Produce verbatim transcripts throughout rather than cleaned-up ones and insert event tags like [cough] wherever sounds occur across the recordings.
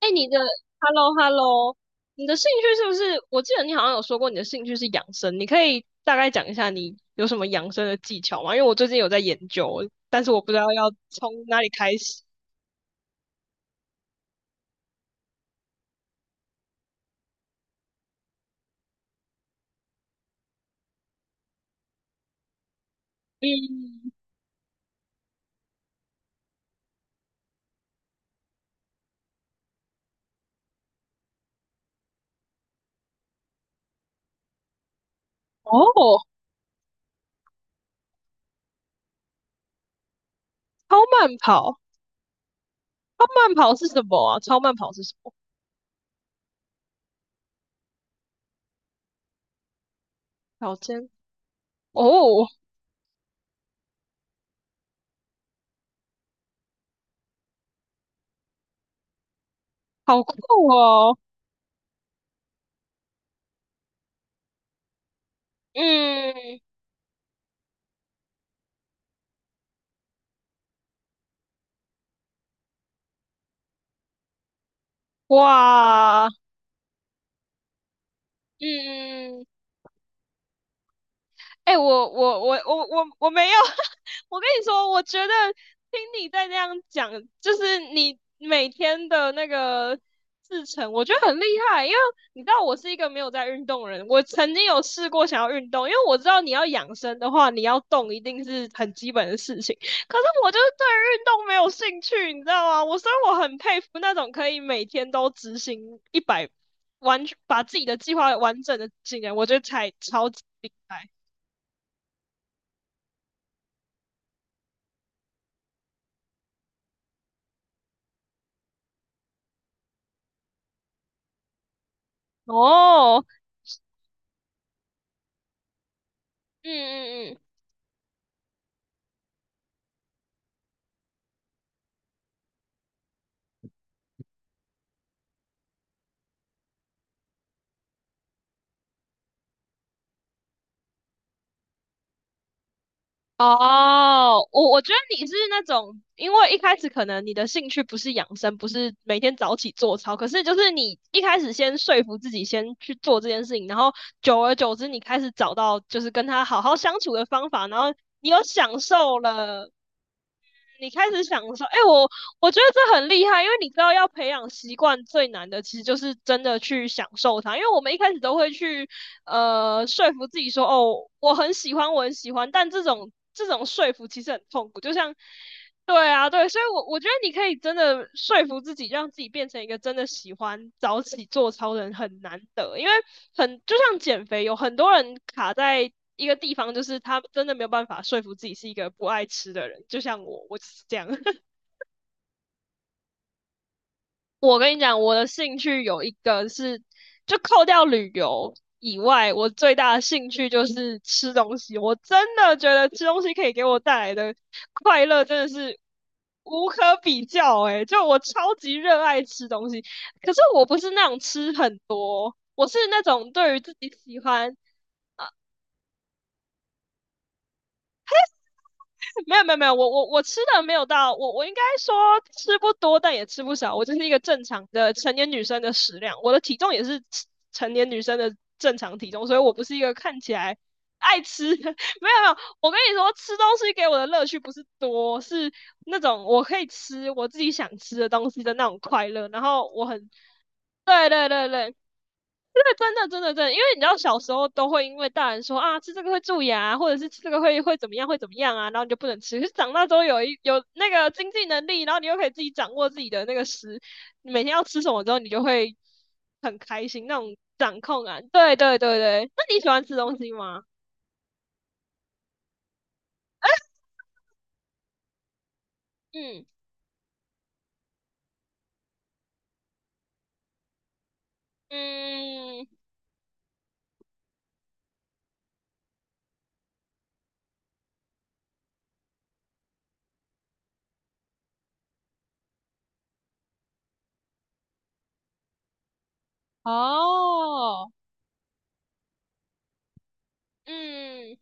哎，你的 Hello Hello，你的兴趣是不是？我记得你好像有说过你的兴趣是养生，你可以大概讲一下你有什么养生的技巧吗？因为我最近有在研究，但是我不知道要从哪里开始。嗯。哦。超慢跑，超慢跑是什么啊？超慢跑是什么？跑间哦。好酷。哦。嗯。哇。嗯。哎，我我我我我我没有，[laughs] 我跟你说，我觉得听你在这样讲，就是你每天的那个制程，我觉得很厉害，因为你知道我是一个没有在运动的人，我曾经有试过想要运动，因为我知道你要养生的话，你要动一定是很基本的事情，可是我就是对于运动没有兴趣，你知道吗？我所以我很佩服那种可以每天都执行一百完全把自己的计划完整的进来，我觉得才超级厉害。哦。嗯嗯嗯。哦。我我觉得你是那种，因为一开始可能你的兴趣不是养生，不是每天早起做操，可是就是你一开始先说服自己先去做这件事情，然后久而久之，你开始找到就是跟他好好相处的方法，然后你有享受了。你开始享受，哎、我我觉得这很厉害，因为你知道要培养习惯最难的，其实就是真的去享受它。因为我们一开始都会去呃说服自己说，哦，我很喜欢，我很喜欢，但这种这种说服其实很痛苦。就像，对啊，对，所以我我觉得你可以真的说服自己，让自己变成一个真的喜欢早起做操的人很难得，因为很就像减肥，有很多人卡在。一个地方就是他真的没有办法说服自己是一个不爱吃的人，就像我，我就是这样。[laughs] 我跟你讲，我的兴趣有一个是，就扣掉旅游以外，我最大的兴趣就是吃东西。我真的觉得吃东西可以给我带来的快乐真的是无可比较诶、就我超级热爱吃东西，可是我不是那种吃很多，我是那种对于自己喜欢没有没有没有，我我我吃的没有到，我我应该说吃不多，但也吃不少，我就是一个正常的成年女生的食量，我的体重也是成年女生的正常体重，所以我不是一个看起来爱吃的。[laughs] 没有没有，我跟你说，吃东西给我的乐趣不是多，是那种我可以吃我自己想吃的东西的那种快乐，然后我很，对对对对，对，真的，真的，真的，因为你知道小时候都会因为大人说啊，吃这个会蛀牙，或者是吃这个会会怎么样，会怎么样啊，然后你就不能吃。可是长大之后有一有那个经济能力，然后你又可以自己掌握自己的那个食，你每天要吃什么之后，你就会很开心，那种掌控感。对对对对，那你喜欢吃东西吗？嗯嗯。哦。嗯。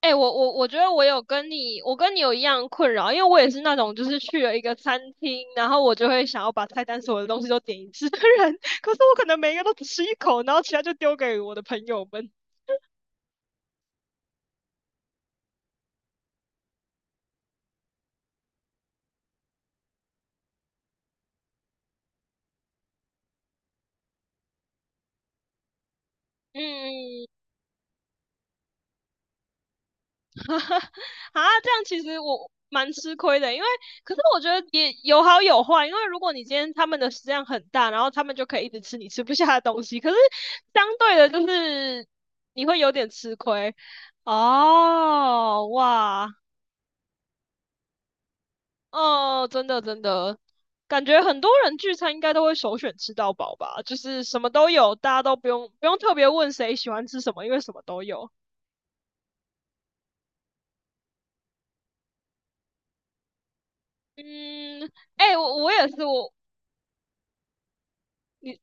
哎、我我我觉得我有跟你，我跟你有一样困扰，因为我也是那种就是去了一个餐厅，然后我就会想要把菜单所有的东西都点一次的人，[laughs] 可是我可能每一个都只吃一口，然后其他就丢给我的朋友们。嗯。[laughs] 哈哈。啊，这样其实我蛮吃亏的，因为可是我觉得也有好有坏，因为如果你今天他们的食量很大，然后他们就可以一直吃你吃不下的东西，可是相对的就是你会有点吃亏。哦。哇。哦，真的真的，感觉很多人聚餐应该都会首选吃到饱吧，就是什么都有，大家都不用不用特别问谁喜欢吃什么，因为什么都有。嗯。哎、我我也是，我你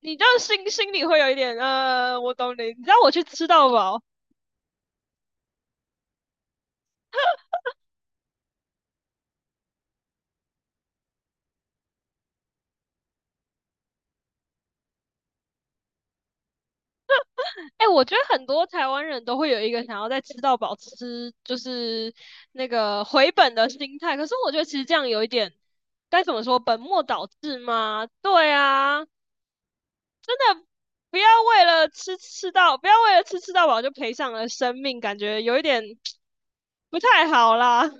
你这样心心里会有一点，呃，我懂你。你知道我去吃到饱，哎、我觉得很多台湾人都会有一个想要在吃到饱吃，就是那个回本的心态。可是我觉得其实这样有一点，该怎么说，本末倒置吗？对啊。那不要为了吃吃到，不要为了吃吃到饱就赔上了生命，感觉有一点不太好啦。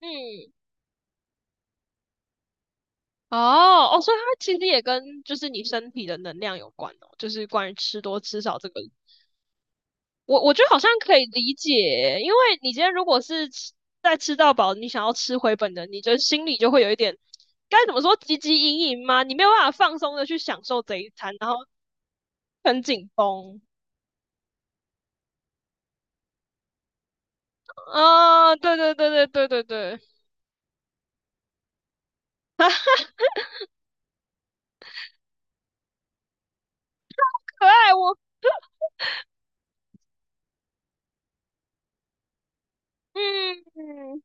嗯。哦哦，所以它其实也跟就是你身体的能量有关哦，就是关于吃多吃少这个，我我觉得好像可以理解，因为你今天如果是吃在吃到饱，你想要吃回本的，你就心里就会有一点该怎么说汲汲营营吗？你没有办法放松的去享受这一餐，然后很紧绷。啊、对对对对对对对。可爱，我。嗯，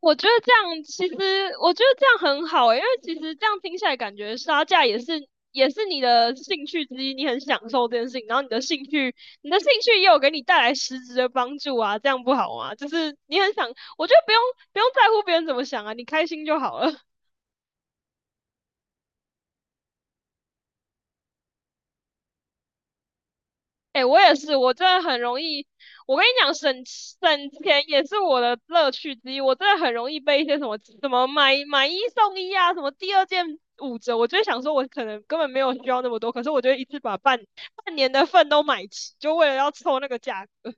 我觉得这样其实，我觉得这样很好诶、因为其实这样听起来感觉杀价也是也是你的兴趣之一，你很享受这件事情，然后你的兴趣你的兴趣也有给你带来实质的帮助啊，这样不好吗？就是你很想，我觉得不用不用在乎别人怎么想啊，你开心就好了。哎、我也是，我真的很容易。我跟你讲，省省钱也是我的乐趣之一。我真的很容易被一些什么什么买买一送一啊，什么第二件五折，我就会想说，我可能根本没有需要那么多，可是我就会一次把半半年的份都买齐，就为了要凑那个价格。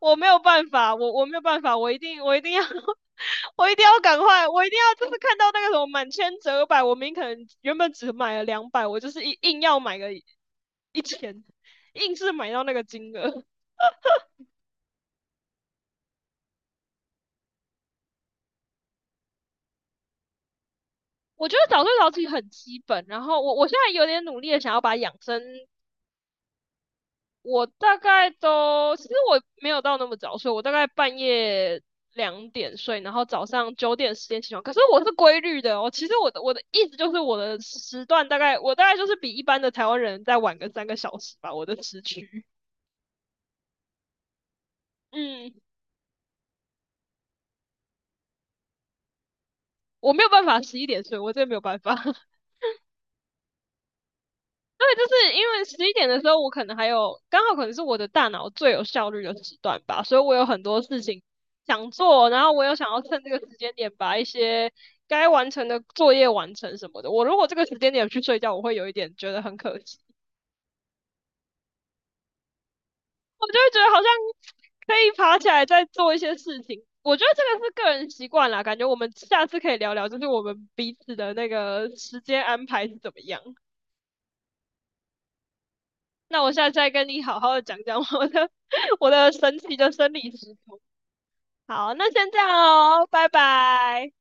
我没有办法，我我没有办法，我一定我一定要 [laughs] 我一定要赶快，我一定要就是看到那个什么满千折百，我明明可能原本只买了两百，我就是硬硬要买个一千，硬是买到那个金额。我觉得早睡早起很基本，然后我我现在有点努力的想要把养生，我大概都其实我没有到那么早睡，我大概半夜两点睡，然后早上九点十点起床，可是我是规律的哦。其实我的我的意思就是我的时段大概我大概就是比一般的台湾人再晚个三个小时吧，我的时区。嗯。我没有办法十一点睡，我真的没有办法。[laughs] 对，就是因为十一点的时候，我可能还有刚好可能是我的大脑最有效率的时段吧，所以我有很多事情想做，然后我又想要趁这个时间点把一些该完成的作业完成什么的。我如果这个时间点去睡觉，我会有一点觉得很可惜，我就会觉得好像可以爬起来再做一些事情。我觉得这个是个人习惯啦，感觉我们下次可以聊聊，就是我们彼此的那个时间安排是怎么样。那我下次再跟你好好的讲讲我的 [laughs] 我的神奇的生理时钟。好，那先这样哦，拜拜。